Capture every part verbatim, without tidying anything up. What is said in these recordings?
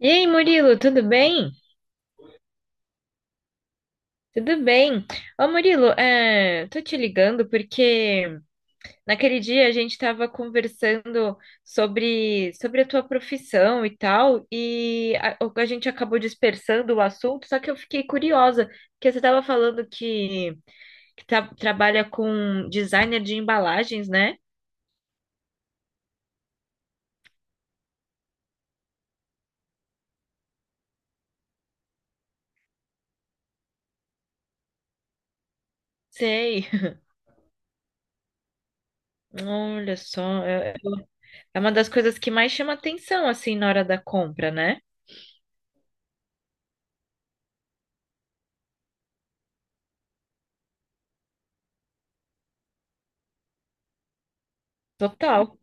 E aí, Murilo, tudo bem? Tudo bem. Ô, Murilo, é, tô te ligando porque naquele dia a gente estava conversando sobre, sobre a tua profissão e tal, e a, o- a gente acabou dispersando o assunto, só que eu fiquei curiosa, porque você estava falando que, que tá- trabalha com designer de embalagens, né? Sei. Olha só, é é uma das coisas que mais chama atenção, assim, na hora da compra, né? Total.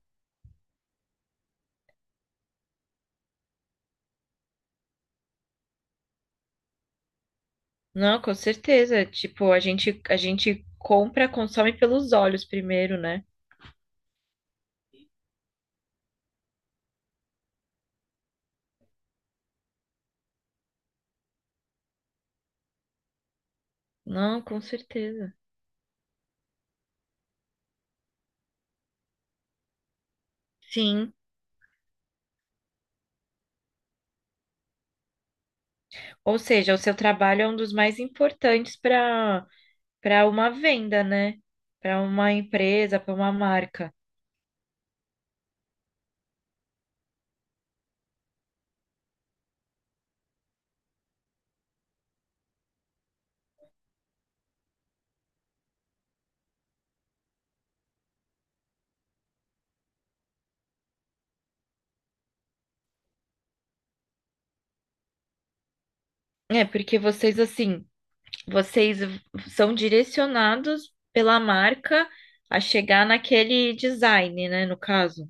Não, com certeza. Tipo, a gente, a gente compra, consome pelos olhos primeiro, né? Não, com certeza. Sim. Ou seja, o seu trabalho é um dos mais importantes para para uma venda, né? Para uma empresa, para uma marca. É, porque vocês, assim, vocês v- são direcionados pela marca a chegar naquele design, né? No caso.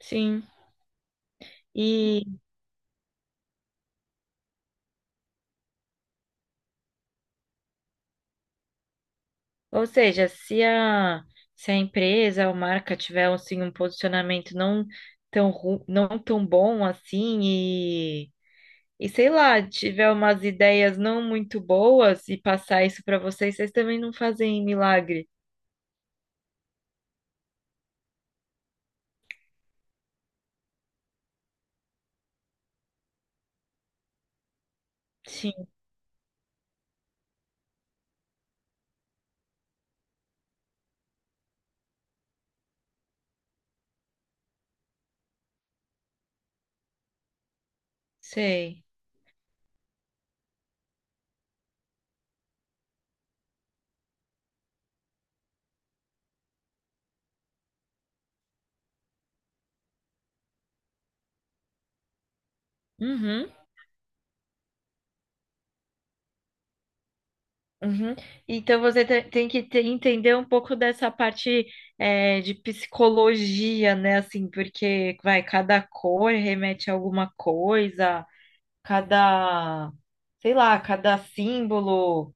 Sim. Ou seja, se a, se a empresa ou marca tiver assim, um posicionamento não tão, ru- não tão bom assim e, e sei lá, tiver umas ideias não muito boas e passar isso para vocês, vocês também não fazem milagre. Sim, sei. Uhum, uhum. Então você te- tem que te- entender um pouco dessa parte é, de psicologia, né? Assim, porque vai, cada cor remete a alguma coisa. Cada, sei lá, cada símbolo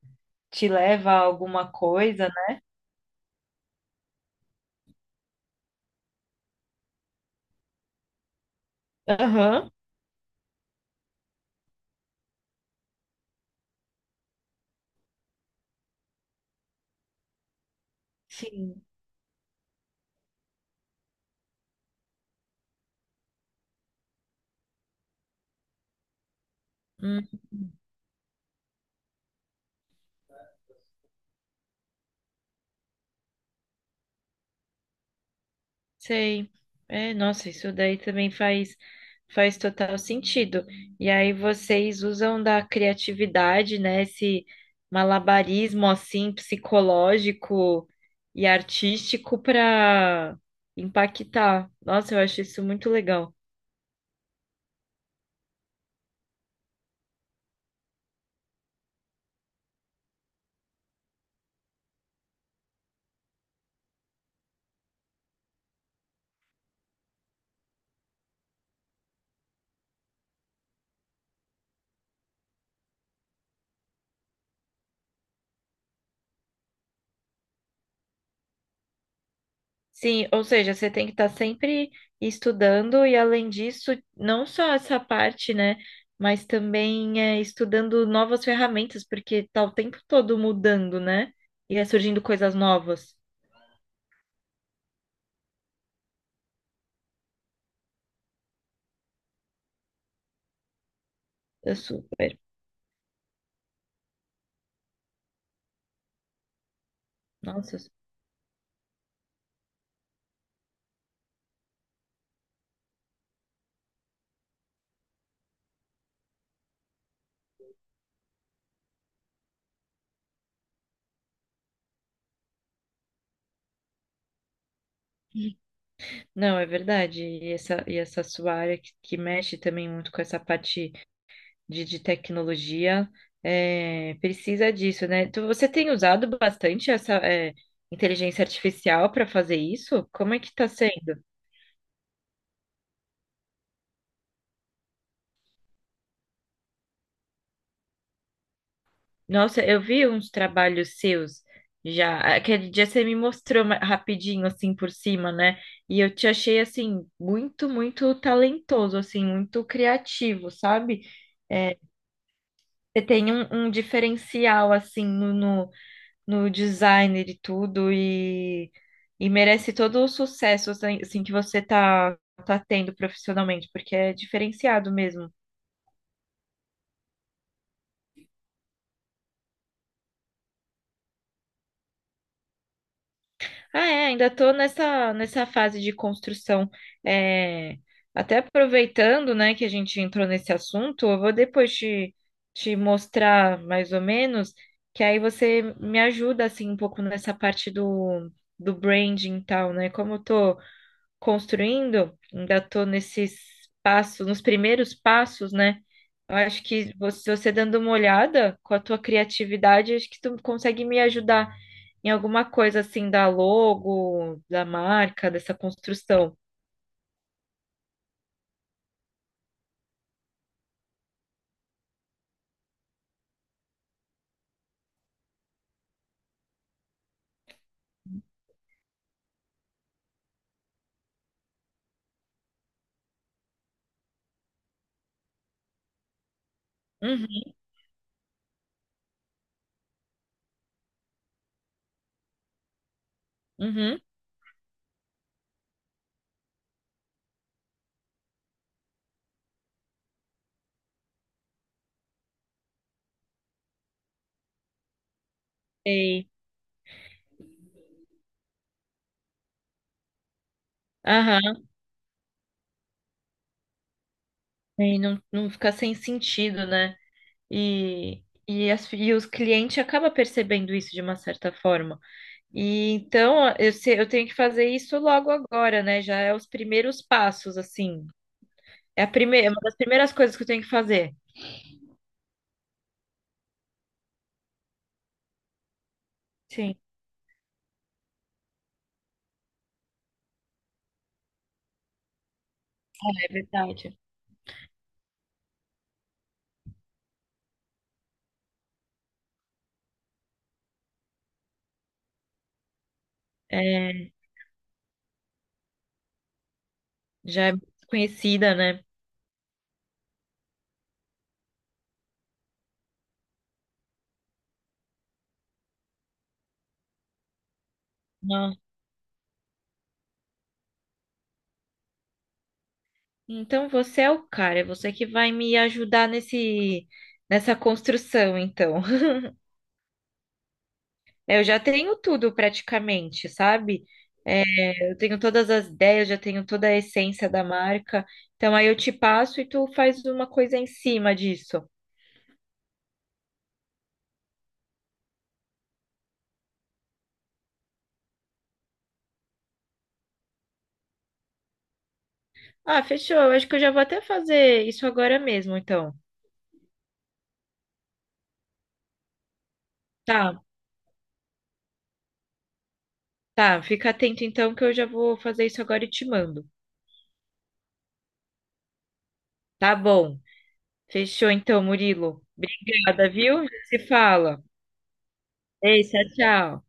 te leva a alguma coisa, né? Aham, sim, hum, sei. É, nossa, isso daí também faz faz total sentido. E aí vocês usam da criatividade, né? Esse malabarismo assim psicológico e artístico para impactar. Nossa, eu acho isso muito legal. Sim, ou seja, você tem que estar sempre estudando e além disso, não só essa parte, né, mas também é, estudando novas ferramentas, porque tá o tempo todo mudando, né? E é surgindo coisas novas. É super. Nossa, não, é verdade. E essa, e essa sua área que, que mexe também muito com essa parte de, de tecnologia, é, precisa disso, né? Tu- você tem usado bastante essa, é, inteligência artificial para fazer isso? Como é que está sendo? Nossa, eu vi uns trabalhos seus já. Aquele dia você me mostrou ma- rapidinho, assim, por cima, né? E eu te achei, assim, muito, muito talentoso, assim, muito criativo, sabe? É, você tem um, um diferencial, assim, no, no, no design de tudo e, e merece todo o sucesso, assim, assim, que você tá, tá tendo profissionalmente, porque é diferenciado mesmo. Ah, é, ainda estou nessa, nessa fase de construção. É, até aproveitando, né, que a gente entrou nesse assunto, eu vou depois te, te mostrar mais ou menos, que aí você me ajuda, assim, um pouco nessa parte do, do branding e tal, né? Como eu tô construindo, ainda estou nesses passos, nos primeiros passos, né? Eu acho que você, você dando uma olhada com a tua criatividade, acho que tu consegue me ajudar em alguma coisa assim da logo, da marca, dessa construção. Uhum, uhum, sei. Aham, e não, não fica sem sentido, né? E, e, as, e os clientes acabam percebendo isso de uma certa forma. E então eu, se- eu tenho que fazer isso logo agora, né? Já é os primeiros passos, assim. É a primeira, uma das primeiras coisas que eu tenho que fazer. Sim, é verdade. É, já é conhecida, né? Então você é o cara, é você que vai me ajudar nesse nessa construção, então. Eu já tenho tudo praticamente, sabe? É, eu tenho todas as ideias, já tenho toda a essência da marca. Então aí eu te passo e tu faz uma coisa em cima disso. Ah, fechou. Eu acho que eu já vou até fazer isso agora mesmo, então. Tá, tá. Fica atento então que eu já vou fazer isso agora e te mando. Tá bom. Fechou então, Murilo. Obrigada, viu? Já se fala. Ei, tchau, tchau.